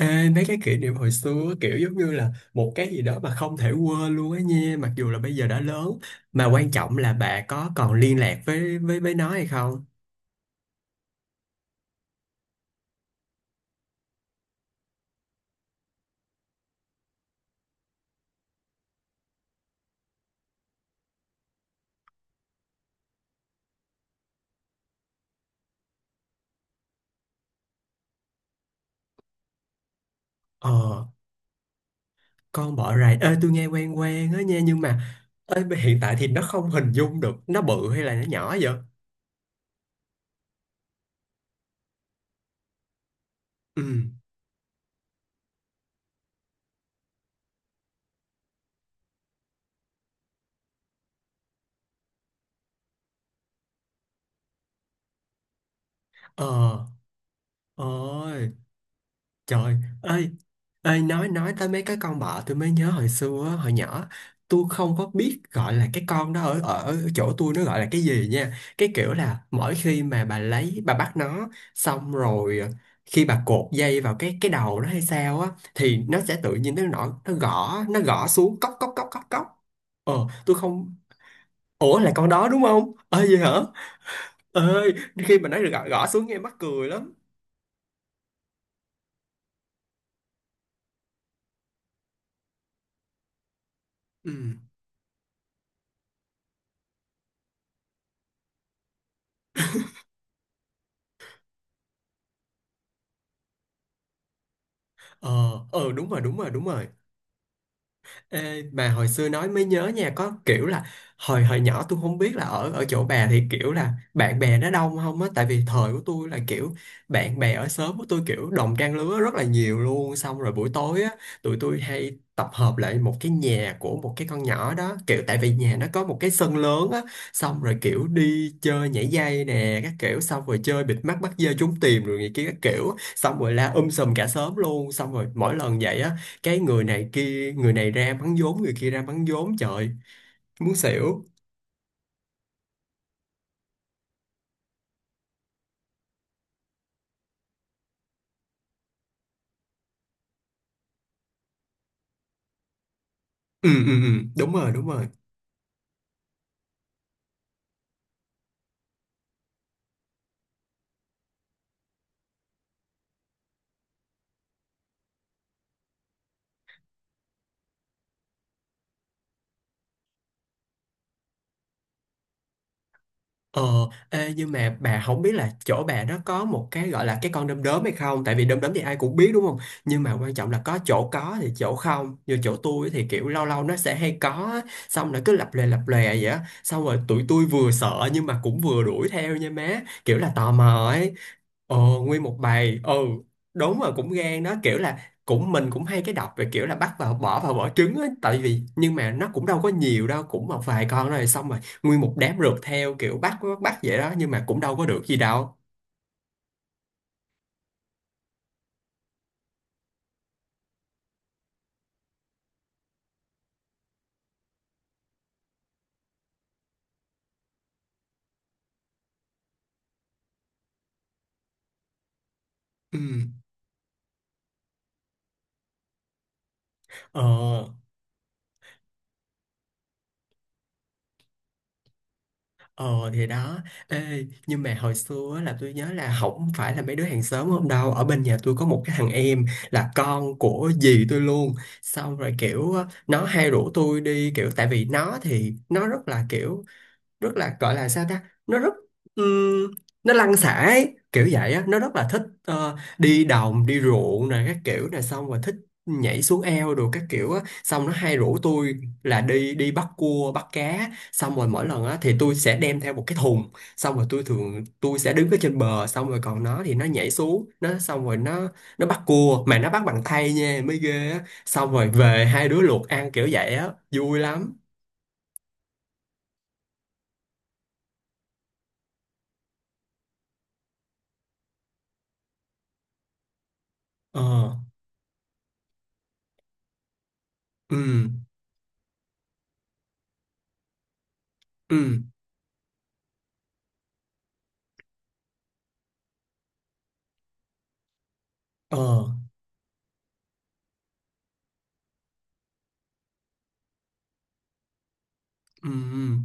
Ê, mấy cái kỷ niệm hồi xưa kiểu giống như là một cái gì đó mà không thể quên luôn á nha, mặc dù là bây giờ đã lớn. Mà quan trọng là bà có còn liên lạc với nó hay không? Ờ, con bỏ rày ê tôi nghe quen quen á nha, nhưng mà ê, hiện tại thì nó không hình dung được nó bự hay là nó nhỏ vậy. Ừ. Ờ. Ờ. Trời ơi, ơi nói tới mấy cái con bọ tôi mới nhớ hồi xưa á, hồi nhỏ tôi không có biết gọi là cái con đó, ở ở chỗ tôi nó gọi là cái gì nha. Cái kiểu là mỗi khi mà bà lấy bà bắt nó, xong rồi khi bà cột dây vào cái đầu nó hay sao á, thì nó sẽ tự nhiên nó nổi, nó gõ, nó gõ xuống cốc cốc cốc cốc cốc. Ờ, tôi không. Ủa, là con đó đúng không? Ơi vậy hả? Ơi, khi mà nó gõ, gõ xuống nghe mắc cười lắm. Ừ. Ờ, ờ đúng rồi, đúng rồi, đúng rồi. Ê, bà hồi xưa nói mới nhớ nha, có kiểu là hồi hồi nhỏ tôi không biết là ở ở chỗ bà thì kiểu là bạn bè nó đông không á, tại vì thời của tôi là kiểu bạn bè ở xóm của tôi kiểu đồng trang lứa rất là nhiều luôn, xong rồi buổi tối á, tụi tôi hay tập hợp lại một cái nhà của một cái con nhỏ đó, kiểu tại vì nhà nó có một cái sân lớn á, xong rồi kiểu đi chơi nhảy dây nè các kiểu, xong rồi chơi bịt mắt bắt dê, trốn tìm rồi này kia các kiểu, xong rồi la sùm cả xóm luôn, xong rồi mỗi lần vậy á, cái người này kia, người này ra bắn vốn, người kia ra bắn vốn, trời muốn xỉu. Ừ ừ ừ, đúng rồi, đúng rồi. Ờ. Ê, nhưng mà bà không biết là chỗ bà nó có một cái gọi là cái con đom đóm hay không, tại vì đom đóm thì ai cũng biết đúng không, nhưng mà quan trọng là có chỗ có thì chỗ không, như chỗ tôi thì kiểu lâu lâu nó sẽ hay có á. Xong nó cứ lập lè vậy á, xong rồi tụi tôi vừa sợ nhưng mà cũng vừa đuổi theo nha má, kiểu là tò mò ấy. Ờ, nguyên một bài. Ừ, đúng rồi, cũng gan đó, kiểu là cũng mình cũng hay cái đọc về kiểu là bắt vào, bỏ vào vỏ trứng á, tại vì nhưng mà nó cũng đâu có nhiều đâu, cũng một vài con, rồi xong rồi nguyên một đám rượt theo kiểu bắt bắt, bắt vậy đó, nhưng mà cũng đâu có được gì đâu. Ừ. Ờ. Ờ thì đó. Ê nhưng mà hồi xưa á là tôi nhớ là không phải là mấy đứa hàng xóm không đâu, ở bên nhà tôi có một cái thằng em là con của dì tôi luôn, xong rồi kiểu á, nó hay rủ tôi đi, kiểu tại vì nó thì nó rất là kiểu rất là gọi là sao ta, nó rất ừm, nó lăn xả ấy, kiểu vậy á, nó rất là thích đi đồng đi ruộng nè các kiểu nè, xong rồi thích nhảy xuống eo đồ các kiểu á, xong nó hay rủ tôi là đi đi bắt cua bắt cá, xong rồi mỗi lần á thì tôi sẽ đem theo một cái thùng, xong rồi tôi thường tôi sẽ đứng ở trên bờ, xong rồi còn nó thì nó nhảy xuống nó, xong rồi nó bắt cua mà nó bắt bằng tay nha mới ghê á, xong rồi về hai đứa luộc ăn kiểu vậy á, vui lắm. Ờ. Ừ ừ. Ờ. Ừ, ừ.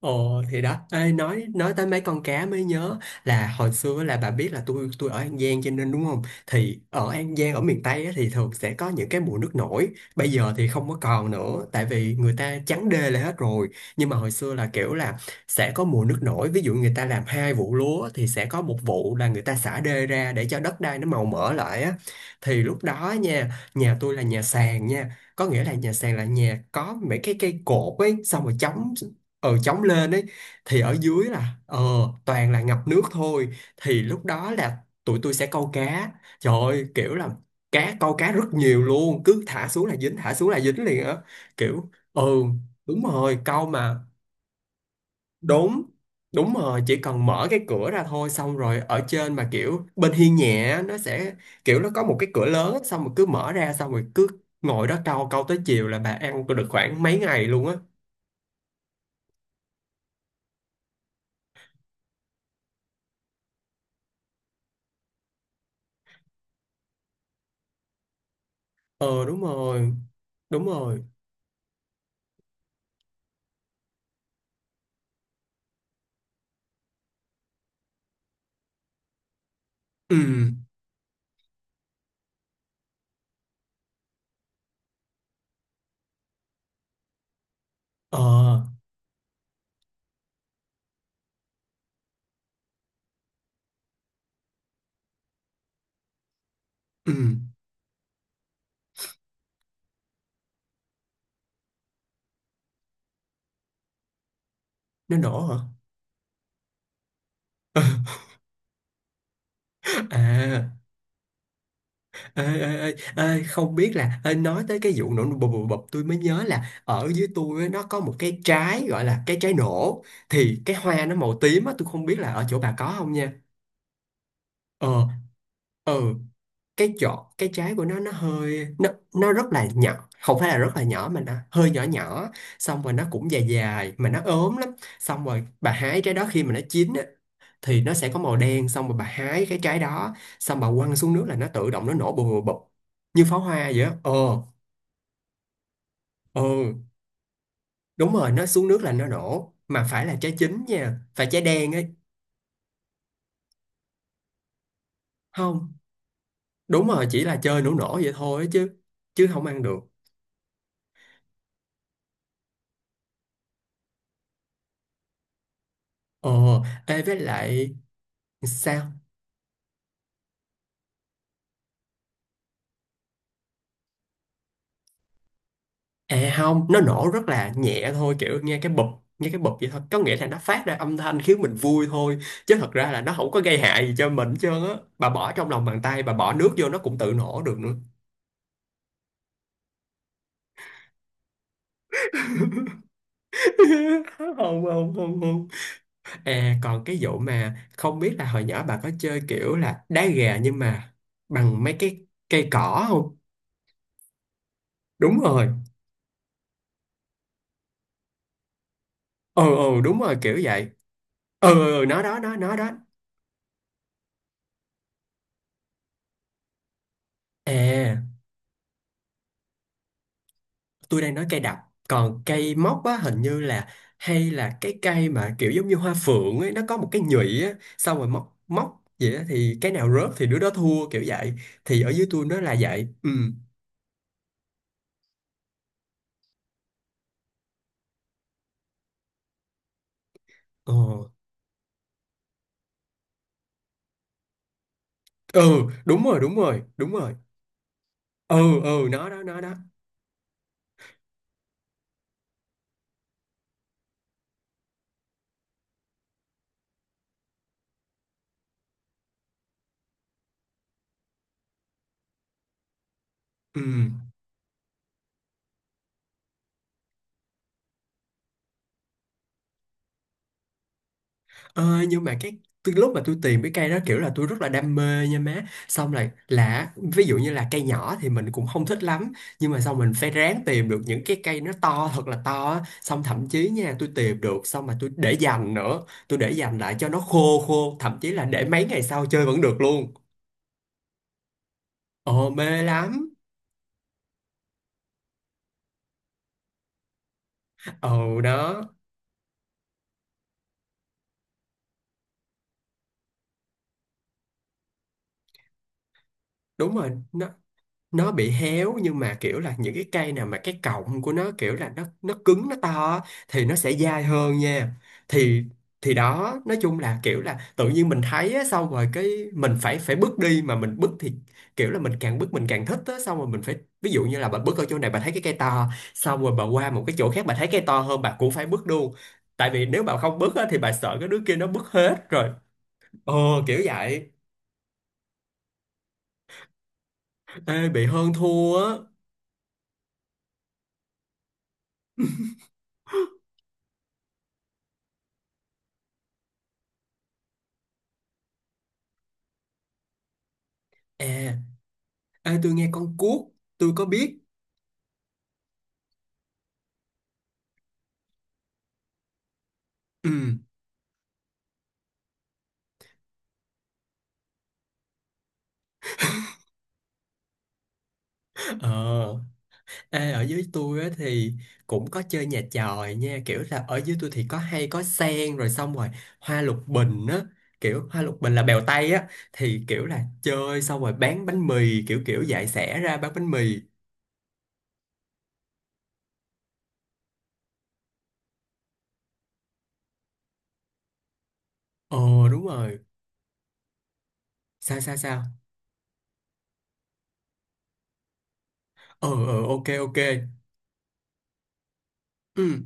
Ồ thì đó. Ê, nói tới mấy con cá mới nhớ là hồi xưa là bà biết là tôi ở An Giang cho nên đúng không, thì ở An Giang ở miền Tây á, thì thường sẽ có những cái mùa nước nổi. Bây giờ thì không có còn nữa tại vì người ta trắng đê lại hết rồi, nhưng mà hồi xưa là kiểu là sẽ có mùa nước nổi, ví dụ người ta làm hai vụ lúa thì sẽ có một vụ là người ta xả đê ra để cho đất đai nó màu mỡ lại á, thì lúc đó nha, nhà tôi là nhà sàn nha, có nghĩa là nhà sàn là nhà có mấy cái cây cột ấy, xong rồi chống, ờ, chống lên ấy, thì ở dưới là toàn là ngập nước thôi, thì lúc đó là tụi tôi sẽ câu cá, trời ơi kiểu là cá, câu cá rất nhiều luôn, cứ thả xuống là dính, thả xuống là dính liền á, kiểu ừ đúng rồi, câu mà. Đúng, đúng rồi, chỉ cần mở cái cửa ra thôi, xong rồi ở trên mà kiểu bên hiên nhẹ á, nó sẽ kiểu nó có một cái cửa lớn á, xong rồi cứ mở ra, xong rồi cứ ngồi đó câu, câu tới chiều là bà ăn được khoảng mấy ngày luôn á. Ờ đúng rồi, đúng rồi. Ừ, ờ, ừ, nó nổ hả? À, ê, ê, ê, ê, không biết là ê, nói tới cái vụ nổ bập bập bập tôi mới nhớ là ở dưới tôi á, nó có một cái trái gọi là cái trái nổ, thì cái hoa nó màu tím á, tôi không biết là ở chỗ bà có không nha. Ờ, ừ, cái chỗ cái trái của nó hơi nó rất là nhỏ, không phải là rất là nhỏ mà nó hơi nhỏ nhỏ, xong rồi nó cũng dài dài mà nó ốm lắm, xong rồi bà hái trái đó khi mà nó chín á, thì nó sẽ có màu đen, xong rồi bà hái cái trái đó, xong bà quăng xuống nước là nó tự động nó nổ bụp bụp bụp, như pháo hoa vậy á. Ờ. Ờ đúng rồi, nó xuống nước là nó nổ, mà phải là trái chín nha, phải trái đen ấy. Không, đúng rồi, chỉ là chơi nổ nổ vậy thôi chứ, chứ không ăn được. Ờ. Ê với lại, sao? À không, nó nổ rất là nhẹ thôi, kiểu nghe cái bụp vậy thôi. Có nghĩa là nó phát ra âm thanh khiến mình vui thôi. Chứ thật ra là nó không có gây hại gì cho mình hết trơn á. Bà bỏ trong lòng bàn tay, bà bỏ nước vô nó cũng tự nổ được nữa. Không, không, không, không. À, còn cái vụ mà không biết là hồi nhỏ bà có chơi kiểu là đá gà nhưng mà bằng mấy cái cây cỏ không? Đúng rồi. Ừ, ừ, đúng rồi, kiểu vậy. Ừ, ừ, ừ, nó đó, nó đó. À, tôi đang nói cây đập, còn cây móc á hình như là, hay là cái cây mà kiểu giống như hoa phượng ấy, nó có một cái nhụy á, xong rồi móc móc vậy á, thì cái nào rớt thì đứa đó thua kiểu vậy, thì ở dưới tôi nó là vậy. Ừ. Ồ. Ừ đúng rồi, đúng rồi, đúng rồi. Ừ. Ừ, nó đó, nó đó. Ừ. Ờ, nhưng mà cái từ lúc mà tôi tìm cái cây đó kiểu là tôi rất là đam mê nha má, xong là ví dụ như là cây nhỏ thì mình cũng không thích lắm, nhưng mà xong mình phải ráng tìm được những cái cây nó to thật là to á. Xong thậm chí nha, tôi tìm được xong mà tôi để dành nữa, tôi để dành lại cho nó khô khô, thậm chí là để mấy ngày sau chơi vẫn được luôn. Ồ mê lắm. Ồ đó. Đúng rồi, nó bị héo, nhưng mà kiểu là những cái cây nào mà cái cọng của nó kiểu là nó cứng nó to á, thì nó sẽ dai hơn nha. Thì thì đó, nói chung là kiểu là tự nhiên mình thấy á, xong rồi cái mình phải phải bước đi, mà mình bước thì kiểu là mình càng bước mình càng thích á, xong rồi mình phải, ví dụ như là bà bước ở chỗ này bà thấy cái cây to, xong rồi bà qua một cái chỗ khác bà thấy cây to hơn bà cũng phải bước luôn, tại vì nếu bà không bước á, thì bà sợ cái đứa kia nó bước hết rồi. Ờ kiểu vậy. Ê, bị hơn thua á. À. Ê, tôi nghe con cuốc, tôi có biết. Ừ. Ờ, ê, ở dưới tôi á, thì cũng có chơi nhà chòi nha. Kiểu là ở dưới tôi thì có hay có sen rồi xong rồi hoa lục bình á. Kiểu hoa lục bình là bèo tay á. Thì kiểu là chơi xong rồi bán bánh mì kiểu kiểu dạy xẻ ra bán bánh mì. Ờ đúng rồi. Sao sao sao? Ờ ờ, ok ok. Ừ.